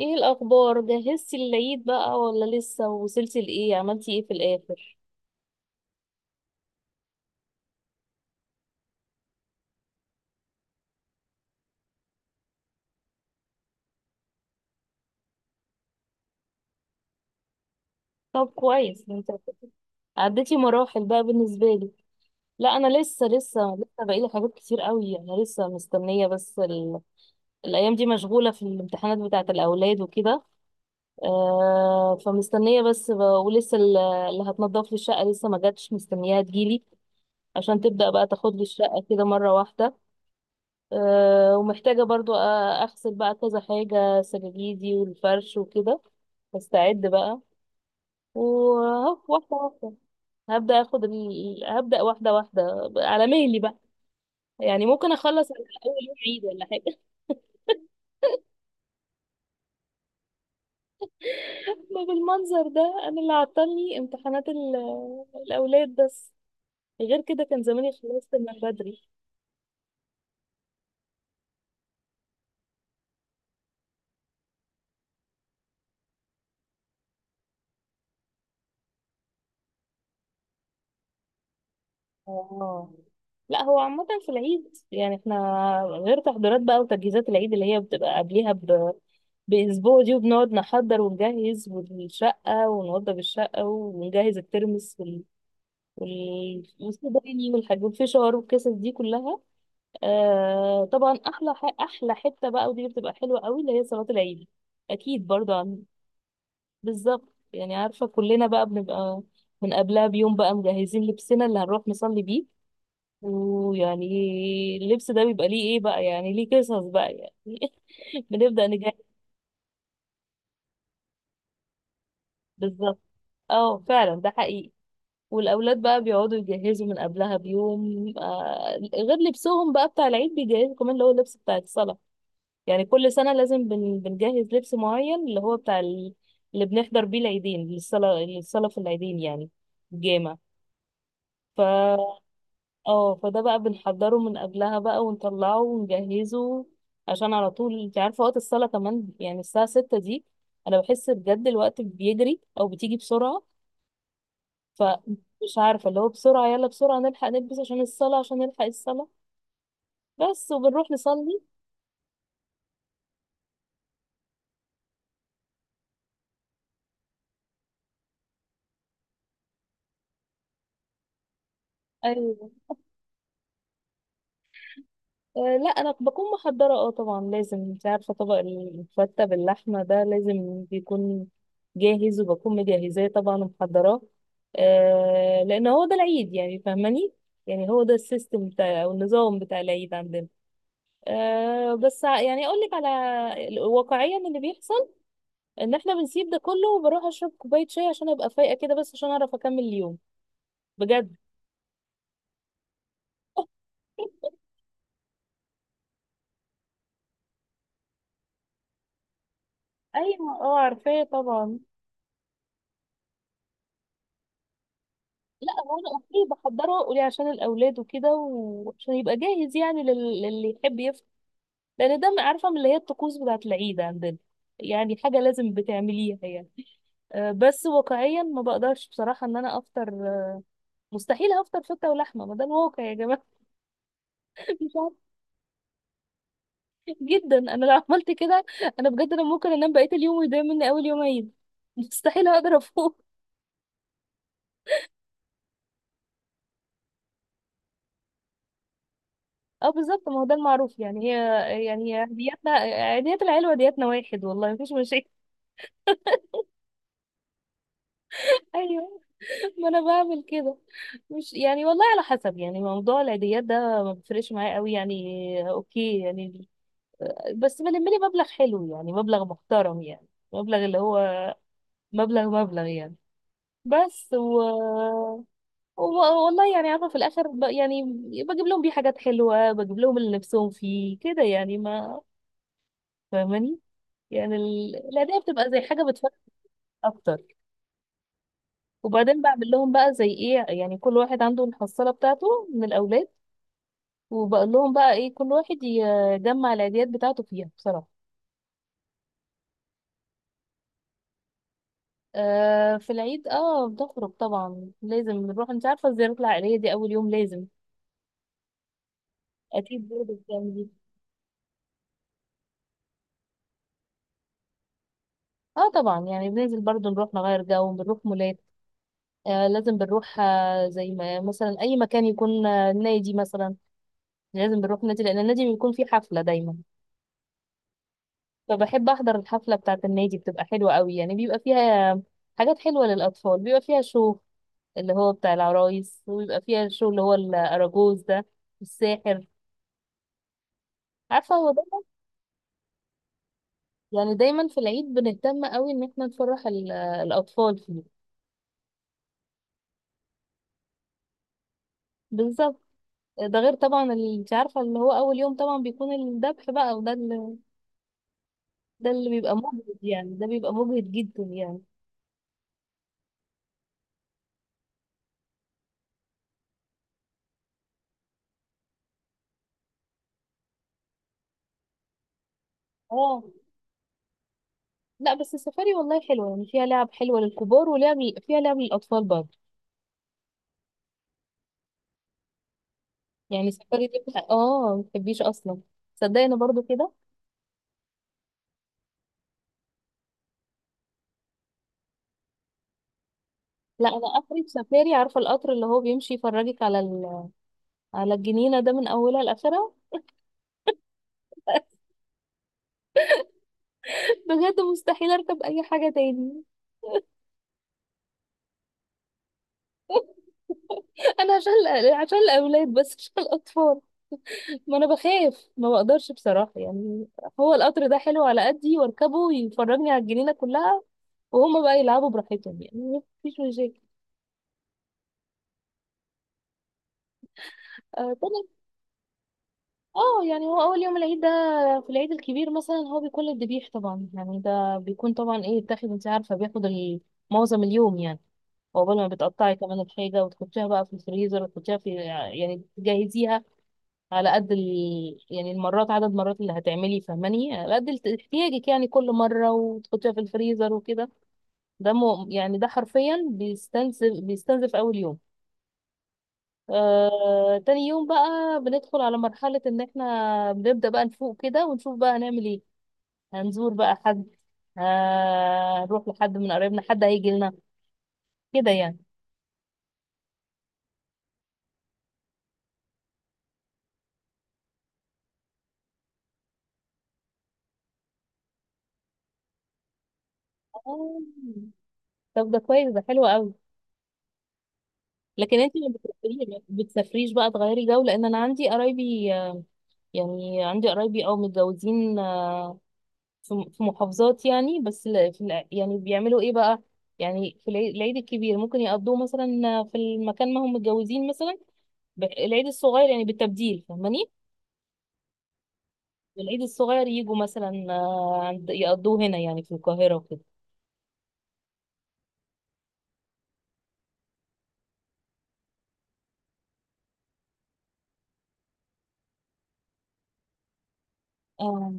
ايه الاخبار؟ جهزتي للعيد بقى ولا لسه؟ وصلتي لايه، عملتي ايه في الاخر؟ طب كويس انت. عديتي مراحل بقى بالنسبه لي. لا، انا لسه بقالي حاجات كتير قوي. انا لسه مستنيه بس الايام دي مشغوله في الامتحانات بتاعه الاولاد وكده. فمستنيه بس ولسه اللي هتنضف لي الشقه لسه ما جاتش، مستنياها تجيلي عشان تبدا بقى تاخد لي الشقه كده مره واحده. ومحتاجة برضو أغسل بقى كذا حاجة، سجاجيدي والفرش وكده. أستعد بقى، وهو واحدة واحدة. هبدأ هبدأ واحدة واحدة على مهلي بقى. يعني ممكن أخلص على أول يوم عيد ولا حاجة. ما بالمنظر ده. أنا اللي عطلني امتحانات الأولاد بس. غير كده كان زماني خلصت من بدري. اه، لا هو عامة في العيد يعني احنا، غير تحضيرات بقى وتجهيزات العيد اللي هي بتبقى قبليها بأسبوع دي، وبنقعد نحضر ونجهز والشقة، ونوضب الشقة ونجهز الترمس والصوباني والحاجات والفشار والقصص دي كلها. آه طبعا، أحلى حتة بقى ودي بتبقى حلوة قوي اللي هي صلاة العيد. أكيد برضه بالظبط. يعني عارفة كلنا بقى بنبقى من قبلها بيوم بقى مجهزين لبسنا اللي هنروح نصلي بيه. ويعني اللبس ده بيبقى ليه ايه بقى، يعني ليه قصص بقى يعني. بنبدأ نجهز. بالظبط. اه فعلا، ده حقيقي. والأولاد بقى بيقعدوا يجهزوا من قبلها بيوم، آه غير لبسهم بقى بتاع العيد بيجهزوا كمان اللي هو اللبس بتاع الصلاة. يعني كل سنة لازم بنجهز لبس معين اللي هو بتاع اللي بنحضر بيه العيدين، للصلاة، في العيدين يعني، الجامع. اه فده بقى بنحضره من قبلها بقى ونطلعه ونجهزه، عشان على طول انت عارفة وقت الصلاة كمان يعني الساعة ستة دي انا بحس بجد الوقت بيجري، او بتيجي بسرعة. فمش عارفة اللي هو بسرعة يلا بسرعة نلحق نلبس عشان الصلاة، عشان نلحق الصلاة بس، وبنروح نصلي. ايوه. لا انا بكون محضره، اه طبعا لازم. انت عارفه طبق الفته باللحمه ده لازم بيكون جاهز، وبكون مجهزاه طبعا ومحضراه. أه لان هو ده العيد، يعني فاهماني، يعني هو ده السيستم بتاع، او النظام بتاع العيد عندنا. يعني اقول لك على واقعيا اللي بيحصل ان احنا بنسيب ده كله، وبروح اشرب كوبايه شاي عشان ابقى فايقه كده، بس عشان اعرف اكمل اليوم بجد. ايوه، اه عارفاه طبعا. لا هو انا اوكي بحضره، قولي عشان الاولاد وكده، وعشان يبقى جاهز يعني للي يحب يفطر. لان ده عارفه من اللي هي الطقوس بتاعه العيد عندنا، يعني حاجه لازم بتعمليها يعني. بس واقعيا ما بقدرش بصراحه ان انا افطر. مستحيل هفطر فته ولحمه. ما ده الواقع يا جماعه. مش عارفة. جدا، انا لو عملت كده انا بجد انا ممكن انام بقيه اليوم ويضيع مني اول يوم عيد. مستحيل هقدر افوق. اه بالظبط، ما هو ده المعروف يعني. هي، يعني هي عيدياتنا، عيديات العيله وعيدياتنا واحد. والله مفيش مشاكل. ايوه، ما انا بعمل كده. مش يعني، والله على حسب. يعني موضوع العيديات ده ما بيفرقش معايا قوي يعني، اوكي يعني. بس بلم لي مبلغ حلو يعني، مبلغ محترم يعني، مبلغ اللي هو مبلغ مبلغ يعني. بس و... والله يعني عارفه، في الاخر يعني بجيب لهم بيه حاجات حلوه، بجيب لهم اللي نفسهم فيه كده يعني. ما فاهماني، يعني العيديه بتبقى زي حاجه بتفرق اكتر. وبعدين بعمل لهم بقى زي ايه، يعني كل واحد عنده الحصاله بتاعته من الاولاد، وبقول لهم بقى ايه، كل واحد يجمع العيديات بتاعته فيها بصراحة. آه في العيد، اه بنخرج طبعا لازم نروح. انت عارفة الزيارة العائلية دي اول يوم لازم. اكيد برضه بتعملي. اه طبعا، يعني بننزل برضه نروح نغير جو، بنروح مولات. لازم بنروح، زي ما مثلا اي مكان يكون، نادي مثلا. لازم بنروح نادي، لان النادي بيكون فيه حفلة دايما. فبحب احضر الحفلة بتاعة النادي، بتبقى حلوة قوي يعني، بيبقى فيها حاجات حلوة للأطفال، بيبقى فيها شو اللي هو بتاع العرايس، ويبقى فيها الشو اللي هو الأراجوز ده والساحر، عارفة هو ده. يعني دايما في العيد بنهتم قوي ان احنا نفرح الأطفال فيه. بالظبط. ده غير طبعا اللي انت عارفة، اللي هو أول يوم طبعا بيكون الذبح بقى، وده اللي، ده اللي بيبقى مجهد يعني، ده بيبقى مجهد جدا يعني. اه لا، بس السفاري والله حلوة، يعني فيها لعب حلوة للكبار، ولعب، فيها لعب للأطفال برضه. يعني السفاري دي ما بتحبيش أصلا، صدقني برضه كده. لا انا اخري في سفاري، عارفه القطر اللي هو بيمشي يفرجك على على الجنينه ده من اولها لاخرها. بجد مستحيل اركب اي حاجه تاني. انا عشان عشان الاولاد بس، مش عشان الاطفال. ما انا بخاف، ما بقدرش بصراحه يعني. هو القطر ده حلو على قدي، واركبه ويفرجني على الجنينه كلها، وهما بقى يلعبوا براحتهم، يعني مفيش مشاكل. آه، اه يعني، هو اول يوم العيد ده في العيد الكبير مثلا هو بيكون للذبيح طبعا يعني. ده بيكون طبعا ايه، بتاخد، انت عارفه بياخد معظم اليوم يعني. وقبل ما بتقطعي كمان الحاجه، وتحطيها بقى في الفريزر، وتحطيها في، يعني تجهزيها على قد يعني المرات، عدد المرات اللي هتعملي فاهماني، على قد احتياجك يعني كل مره، وتحطيها في الفريزر وكده. ده مو يعني ده حرفيا بيستنزف بيستنزف اول يوم. آه، تاني يوم بقى بندخل على مرحلة ان احنا بنبدأ بقى نفوق كده، ونشوف بقى هنعمل ايه، هنزور بقى حد، آه، هنروح لحد من قرايبنا، حد هيجي لنا كده يعني. آه، طب ده كويس، ده حلو قوي. لكن انت ما بتسافريش، ما بتسافريش بقى تغيري جو؟ لان انا عندي قرايبي، يعني عندي قرايبي او متجوزين، في محافظات يعني. بس يعني بيعملوا ايه بقى، يعني في العيد، العيد الكبير ممكن يقضوه مثلا في المكان ما هم متجوزين مثلا، العيد الصغير يعني بالتبديل فاهماني. العيد الصغير يجوا مثلا، آه، يقضوه هنا يعني في القاهرة وكده. آه.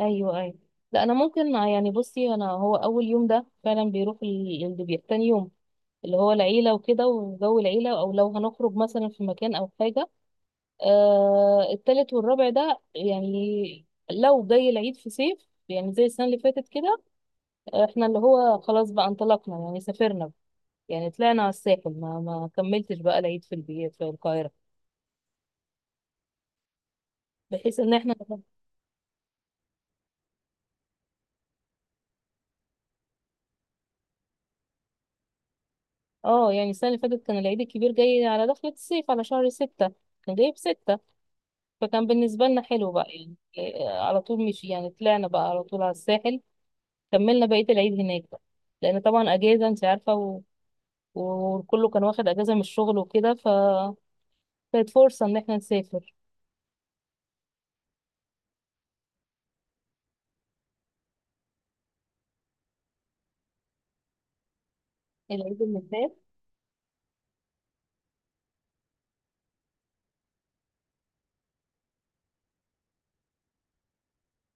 ايوه، ايوه. لا انا ممكن، آه، يعني بصي انا، هو اول يوم ده فعلا بيروح الدبيح، تاني يوم اللي هو العيلة وكده وجو العيلة، او لو هنخرج مثلا في مكان او حاجة. آه التالت والرابع ده يعني لو جاي العيد في صيف يعني زي السنة اللي فاتت كده، آه، احنا اللي هو خلاص بقى انطلقنا يعني، سافرنا يعني، طلعنا على الساحل، ما كملتش بقى العيد في البيت في القاهرة، بحيث ان احنا، اه. يعني السنة اللي فاتت كان العيد الكبير جاي على دخلة الصيف على شهر ستة، كان جاي في ستة. فكان بالنسبة لنا حلو بقى يعني إيه، على طول، مش يعني، طلعنا بقى على طول على الساحل. كملنا بقية العيد هناك بقى، لأن طبعا أجازة أنت عارفة، و- وكله كان واخد أجازة من الشغل وكده، ف كانت فرصة إن احنا نسافر. العيد اللي فات،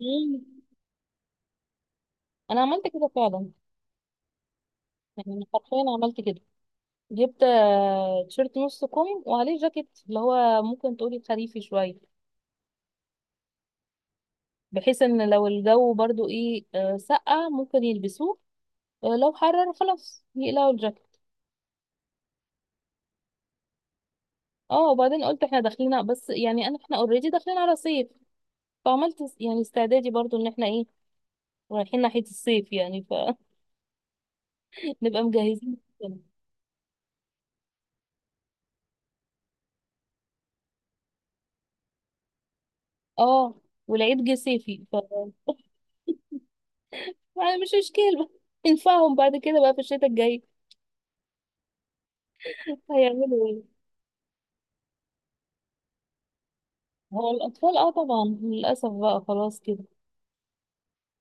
مم. أنا عملت كده فعلا. يعني أنا حرفيا عملت كده، جبت آه، تيشيرت نص كم وعليه جاكيت اللي هو ممكن تقولي خريفي شوية، بحيث ان لو الجو برضو ايه، آه، سقع ممكن يلبسوه، آه، لو حرر خلاص يقلعوا الجاكيت. اه وبعدين قلت احنا داخلين، بس يعني انا، احنا اوريدي داخلين على صيف، فعملت يعني استعدادي برضو ان احنا ايه، رايحين ناحية الصيف يعني، فنبقى مجهزين نفسنا. اه، والعيد جه صيفي. ف يعني مش مشكلة، نفعهم بعد كده بقى في الشتاء الجاي. هيعملوا ايه؟ هو الأطفال اه طبعا للأسف بقى خلاص كده.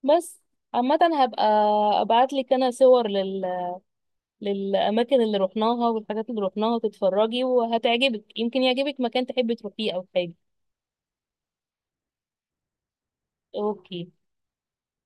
بس عامة، هبقى ابعتلك انا صور للاماكن اللي رحناها والحاجات اللي رحناها، تتفرجي وهتعجبك، يمكن يعجبك مكان تحبي تروحيه او حاجة. اوكي.